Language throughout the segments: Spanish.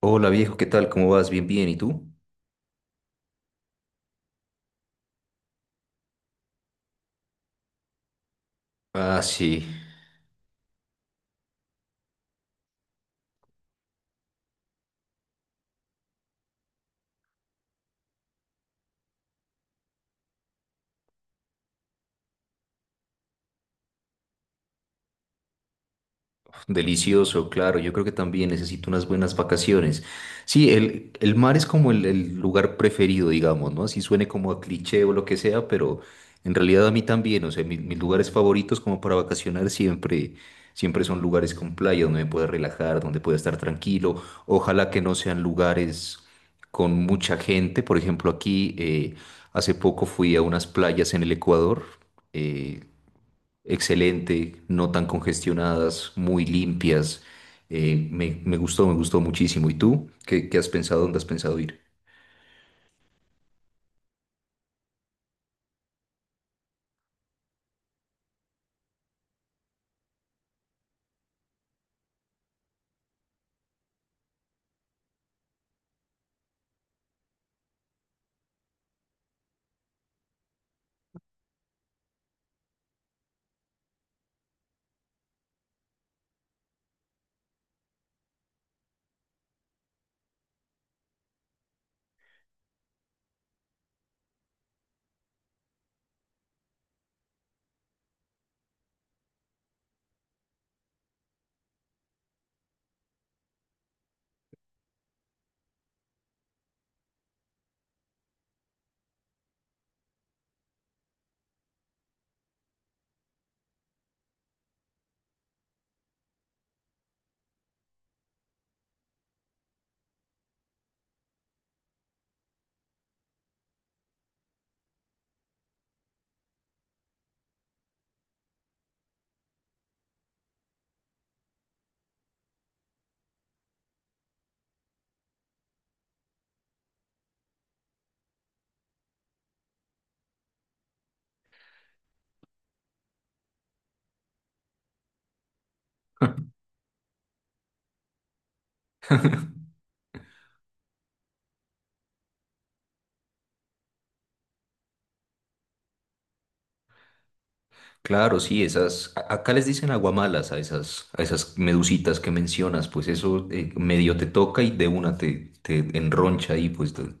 Hola viejo, ¿qué tal? ¿Cómo vas? Bien, bien. ¿Y tú? Ah, sí, delicioso, claro. Yo creo que también necesito unas buenas vacaciones. Sí, el mar es como el lugar preferido, digamos, ¿no? Así suene como a cliché o lo que sea, pero en realidad a mí también, o sea, mis lugares favoritos como para vacacionar siempre, siempre son lugares con playa donde me pueda relajar, donde pueda estar tranquilo. Ojalá que no sean lugares con mucha gente. Por ejemplo, aquí hace poco fui a unas playas en el Ecuador. eh, Excelente, no tan congestionadas, muy limpias. Me gustó muchísimo. ¿Y tú? Qué has pensado? ¿Dónde has pensado ir? Claro, sí, esas, acá les dicen aguamalas a esas medusitas que mencionas, pues eso medio te toca y de una te enroncha ahí, pues.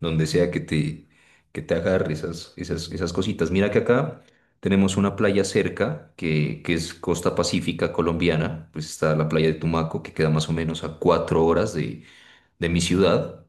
Donde sea que que te agarre esas, esas, esas cositas. Mira que acá tenemos una playa cerca, que es costa pacífica colombiana, pues está la playa de Tumaco, que queda más o menos a cuatro horas de mi ciudad.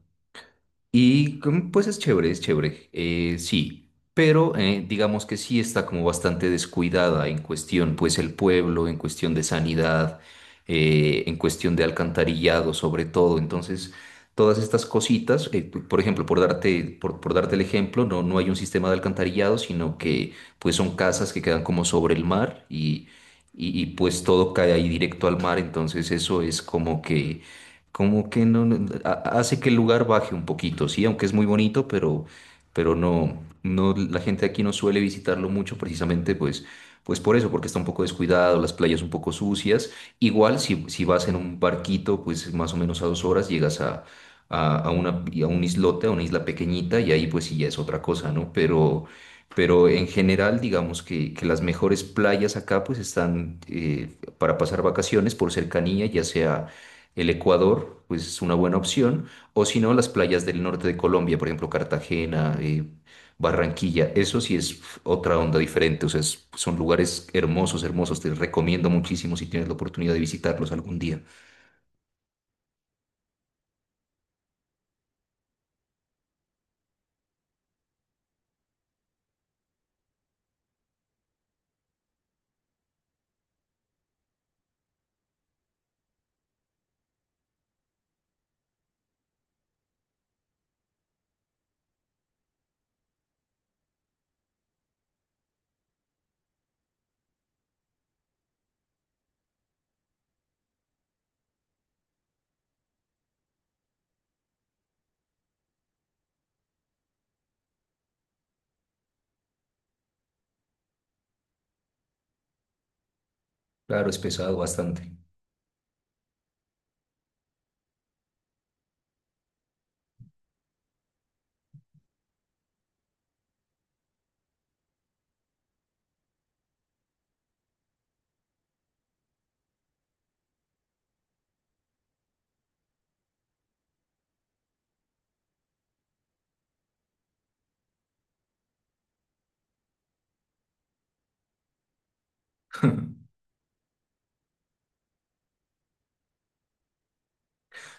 Y pues es chévere, sí, pero digamos que sí está como bastante descuidada en cuestión, pues el pueblo, en cuestión de sanidad, en cuestión de alcantarillado sobre todo, entonces todas estas cositas, por ejemplo, por darte, por darte el ejemplo, no, no hay un sistema de alcantarillado, sino que pues son casas que quedan como sobre el mar y, pues todo cae ahí directo al mar, entonces eso es como que no, hace que el lugar baje un poquito, sí, aunque es muy bonito, pero no, no, la gente aquí no suele visitarlo mucho precisamente pues, pues por eso, porque está un poco descuidado, las playas un poco sucias. Igual si, si vas en un barquito, pues más o menos a dos horas llegas a una, a un islote, a una isla pequeñita, y ahí pues sí ya es otra cosa, ¿no? Pero en general, digamos que las mejores playas acá pues están para pasar vacaciones por cercanía, ya sea el Ecuador, pues es una buena opción, o si no, las playas del norte de Colombia, por ejemplo, Cartagena, Barranquilla, eso sí es uf, otra onda diferente, o sea, son lugares hermosos, hermosos, te recomiendo muchísimo si tienes la oportunidad de visitarlos algún día. Claro, es pesado bastante.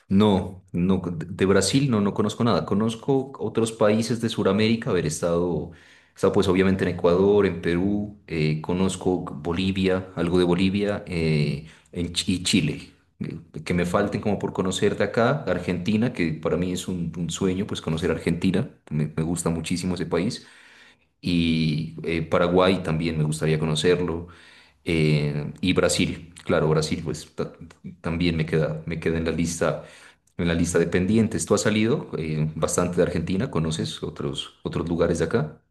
No, no, de Brasil no, no conozco nada. Conozco otros países de Sudamérica, haber estado, he estado pues obviamente en Ecuador, en Perú, conozco Bolivia, algo de Bolivia, en, y Chile. Eh, Que me falten como por conocer de acá, Argentina, que para mí es un sueño, pues conocer Argentina, me gusta muchísimo ese país y Paraguay también me gustaría conocerlo. Y Brasil, claro, Brasil, también me queda en la lista de pendientes. ¿Tú has salido bastante de Argentina? ¿Conoces otros, otros lugares de acá?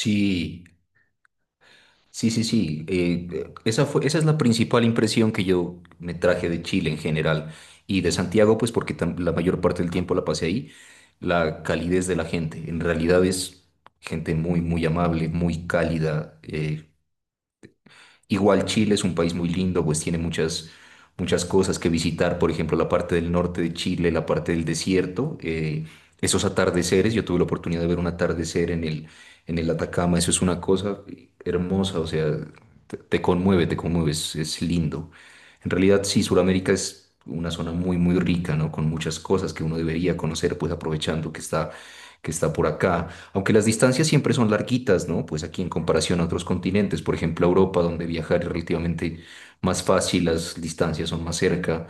Sí, sí, sí, sí. Esa fue, esa es la principal impresión que yo me traje de Chile en general y de Santiago, pues porque la mayor parte del tiempo la pasé ahí. La calidez de la gente. En realidad es gente muy, muy amable, muy cálida. Igual Chile es un país muy lindo, pues tiene muchas, muchas cosas que visitar, por ejemplo, la parte del norte de Chile, la parte del desierto, esos atardeceres, yo tuve la oportunidad de ver un atardecer en el Atacama, eso es una cosa hermosa, o sea, te conmueve, es lindo. En realidad, sí, Sudamérica es una zona muy, muy rica, ¿no? Con muchas cosas que uno debería conocer, pues aprovechando que está por acá. Aunque las distancias siempre son larguitas, ¿no? Pues aquí en comparación a otros continentes, por ejemplo, a Europa, donde viajar es relativamente más fácil, las distancias son más cerca.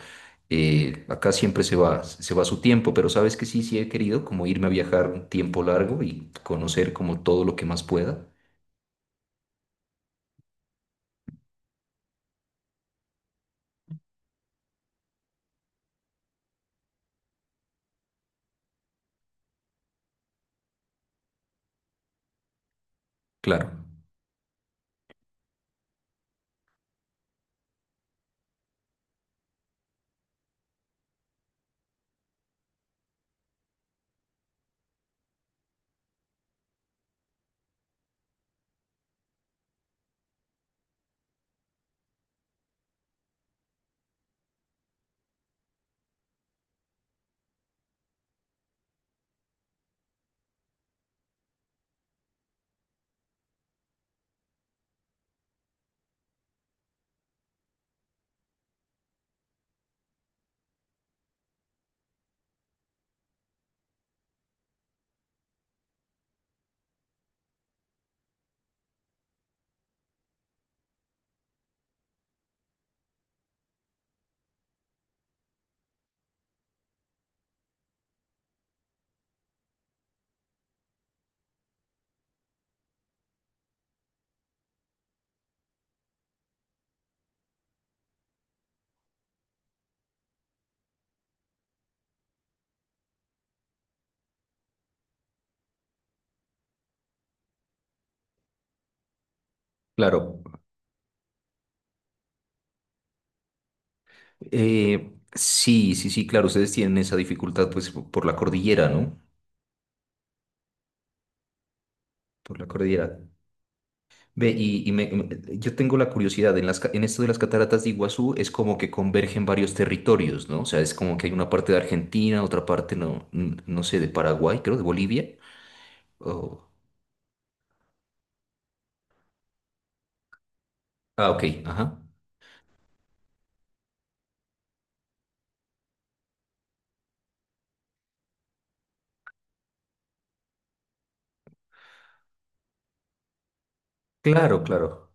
Acá siempre se va su tiempo, pero sabes que sí, sí he querido como irme a viajar un tiempo largo y conocer como todo lo que más pueda. Claro. Claro. Sí, sí, sí, claro, ustedes tienen esa dificultad pues por la cordillera, ¿no? Por la cordillera. Ve, y yo tengo la curiosidad, en las, en esto de las cataratas de Iguazú es como que convergen varios territorios, ¿no? O sea, es como que hay una parte de Argentina, otra parte, no, no sé, de Paraguay, creo, de Bolivia. o- Ah, ok, ajá. Claro, claro.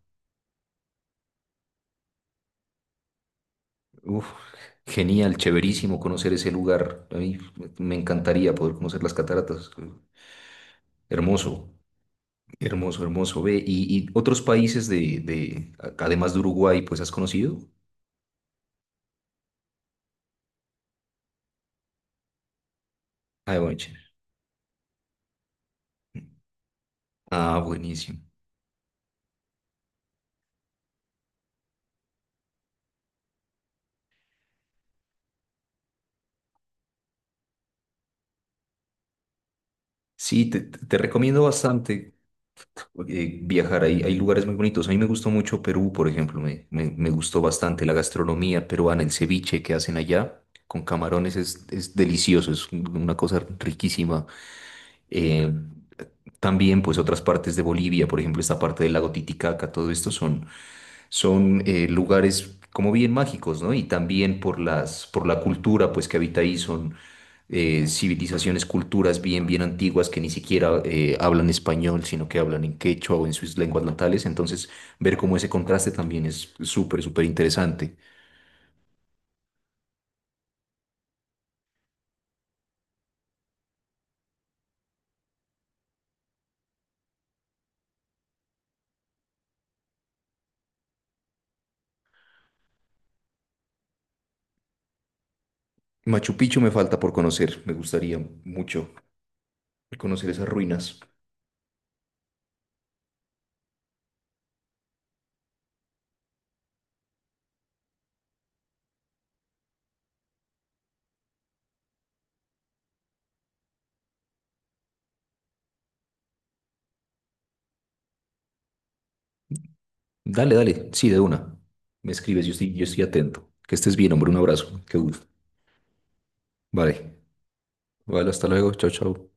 Uf, genial, chéverísimo conocer ese lugar. A mí me encantaría poder conocer las cataratas. Hermoso, hermoso, hermoso. Ve, y otros países de, además de Uruguay, pues has conocido. Ah, bueno, chévere. Ah, buenísimo. Sí, te recomiendo bastante viajar. Hay lugares muy bonitos. A mí me gustó mucho Perú, por ejemplo. Me gustó bastante la gastronomía peruana, el ceviche que hacen allá con camarones es delicioso, una cosa riquísima. Eh, También, pues otras partes de Bolivia, por ejemplo, esta parte del lago Titicaca, todo esto son, son lugares como bien mágicos, ¿no? Y también por las, por la cultura, pues que habita ahí son civilizaciones, culturas bien, bien antiguas que ni siquiera hablan español, sino que hablan en quechua o en sus lenguas natales. Entonces, ver cómo ese contraste también es súper, súper interesante. Machu Picchu me falta por conocer, me gustaría mucho conocer esas ruinas. Dale, dale, sí, de una. Me escribes, yo estoy atento. Que estés bien, hombre, un abrazo. Qué gusto. Vale, vale, hasta luego. Chao, chao.